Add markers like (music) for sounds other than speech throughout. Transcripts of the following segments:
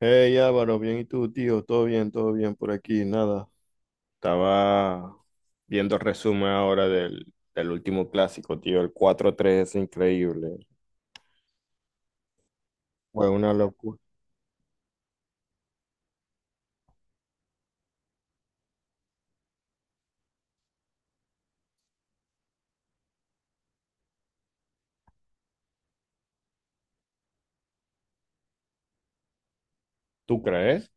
Hey Álvaro, bien, ¿y tú, tío? Todo bien por aquí, nada. Estaba viendo resumen ahora del último clásico, tío. El 4-3 es increíble. Fue una locura. ¿Tú crees?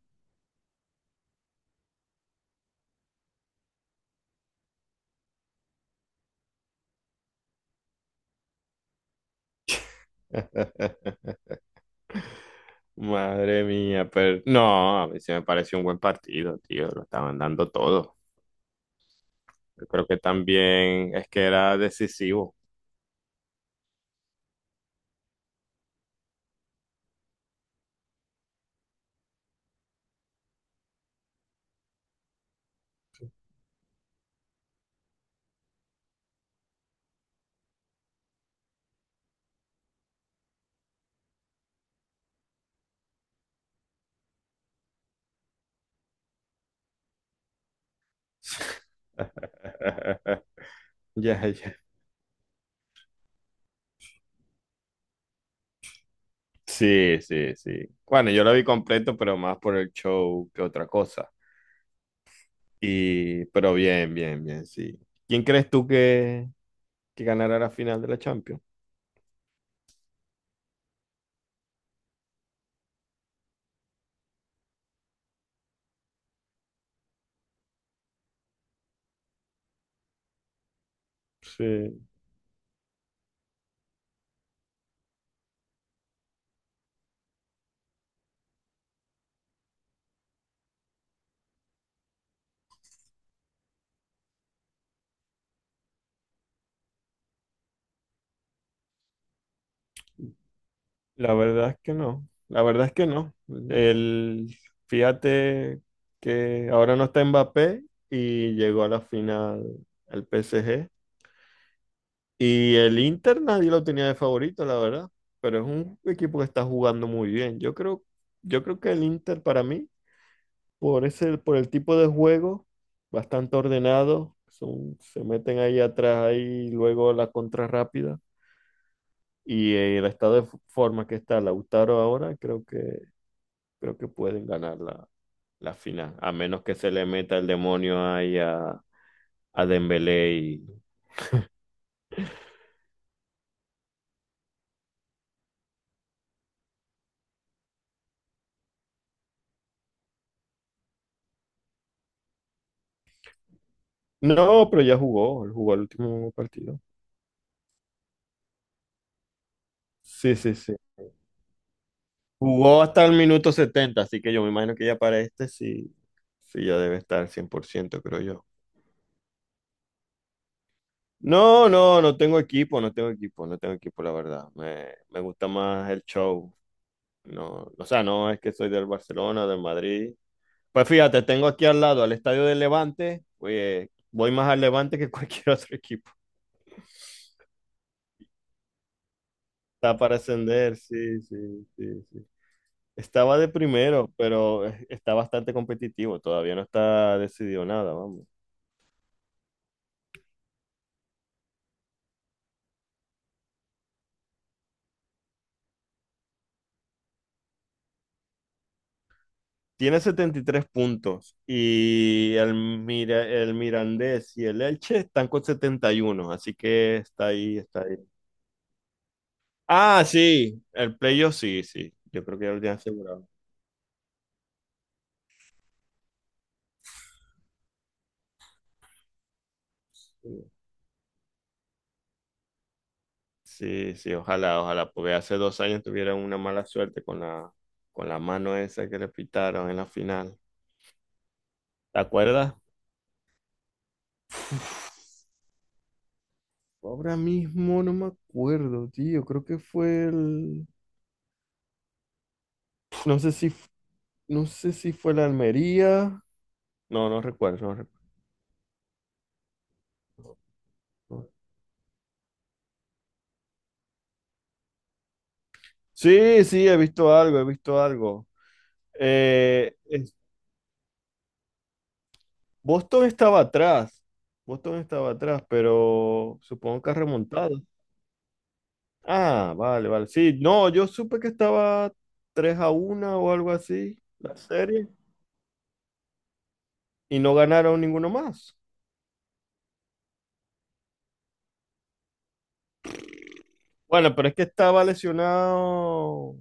(laughs) Madre mía, pero no, a mí sí me pareció un buen partido, tío. Lo estaban dando todo. Yo creo que también es que era decisivo. (laughs) Ya, ya. Sí, sí, sí. Bueno, yo lo vi completo, pero más por el show que otra cosa. Y, pero bien, bien, bien, sí. ¿Quién crees tú que ganará la final de la Champions? Sí, la verdad es que no. La verdad es que no. El, Fíjate que ahora no está Mbappé y llegó a la final el PSG. Y el Inter nadie lo tenía de favorito, la verdad. Pero es un equipo que está jugando muy bien. Yo creo que el Inter para mí, por el tipo de juego, bastante ordenado, se meten ahí atrás, ahí luego la contra rápida. Y el estado de forma que está Lautaro ahora, creo que pueden ganar la final, a menos que se le meta el demonio ahí a Dembélé y... No, pero ya jugó, él jugó el último partido. Sí, sí, sí. Jugó hasta el minuto 70, así que yo me imagino que ya para este sí, sí ya debe estar 100%, creo yo. No, no, no tengo equipo, no tengo equipo, no tengo equipo, la verdad. Me gusta más el show. No, o sea, no es que soy del Barcelona, del Madrid. Pues fíjate, tengo aquí al lado al estadio del Levante. Oye, voy más al Levante que cualquier (laughs) otro equipo. Está para ascender, sí, sí, sí, sí. Estaba de primero, pero está bastante competitivo. Todavía no está decidido nada, vamos. Tiene 73 puntos y el Mirandés y el Elche están con 71, así que está ahí, está ahí. Ah, sí, el playoff sí, sí, yo creo que ya lo tiene asegurado. Sí, sí, sí, ojalá, ojalá, porque hace 2 años tuvieron una mala suerte con la mano esa que le pitaron en la final. ¿Te acuerdas? Ahora mismo no me acuerdo, tío, creo que fue el... No sé si, no sé si fue la Almería. No, no recuerdo, no recuerdo. Sí, sí, he visto algo, he visto algo. Eh, es- Boston estaba atrás, pero supongo que ha remontado. Ah, vale, vale. Sí, no, yo supe que estaba 3-1 o algo así, la serie, y no ganaron ninguno más. Bueno, pero es que estaba lesionado,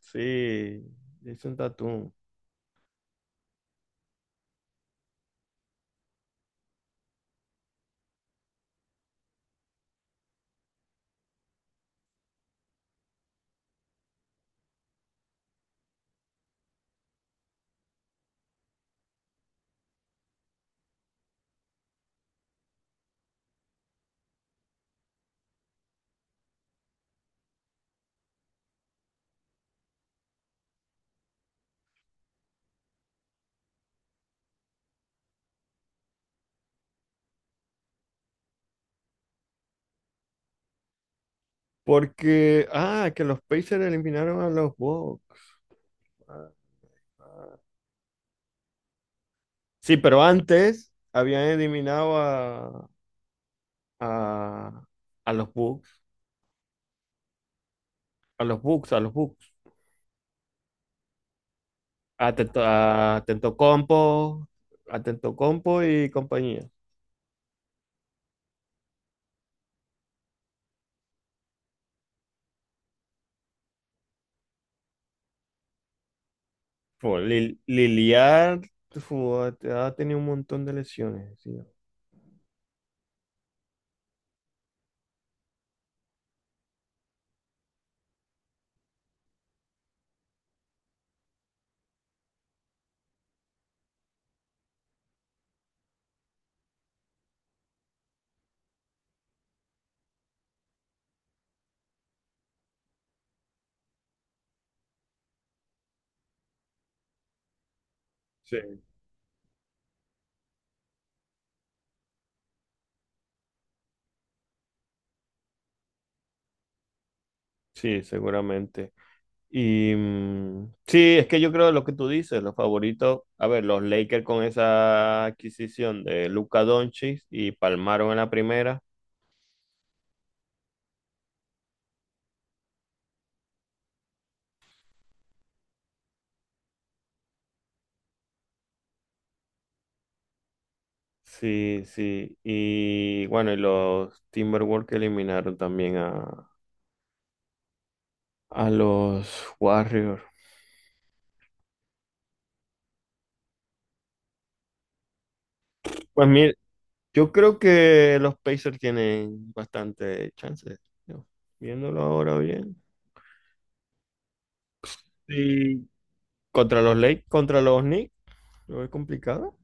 sí, Jason Tatum. Porque, ah, que los Pacers eliminaron a los Bucks. Ah, ah. Sí, pero antes habían eliminado a, a los bugs, atento a Tento Compo, atento Compo y compañía. Liliard ha tenido un montón de lesiones, sí. Sí, sí, seguramente. Y sí, es que yo creo lo que tú dices, los favoritos, a ver, los Lakers con esa adquisición de Luka Doncic y palmaron en la primera. Sí, sí. Y bueno, y los Timberwolves que eliminaron también a los Warriors. Pues mira, yo creo que los Pacers tienen bastante chances. ¿No? Viéndolo ahora bien. Sí. Contra los Lakers, contra los Knicks, lo veo complicado.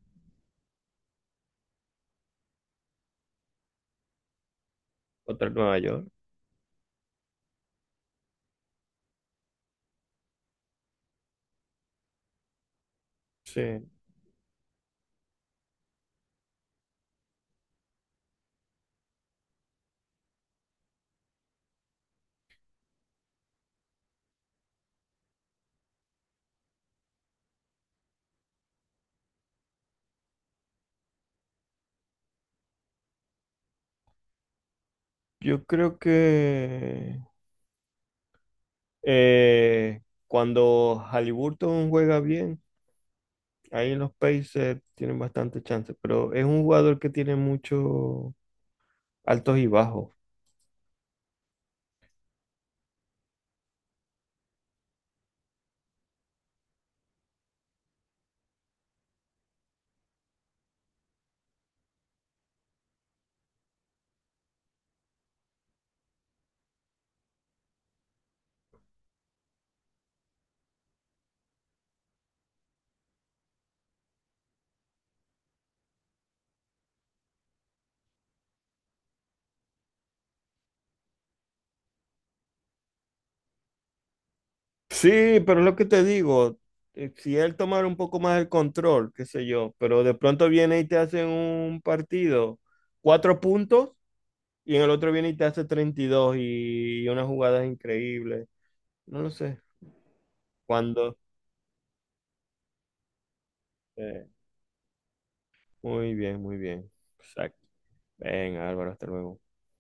Contra Nueva York. Sí. Yo creo que cuando Haliburton juega bien, ahí en los Pacers tienen bastante chance. Pero es un jugador que tiene muchos altos y bajos. Sí, pero es lo que te digo, si él tomara un poco más el control, qué sé yo, pero de pronto viene y te hace un partido, cuatro puntos, y en el otro viene y te hace 32 y dos y unas jugadas increíbles. No lo sé. Cuando. Eh, muy bien, muy bien. Exacto. Ven, Álvaro, hasta luego.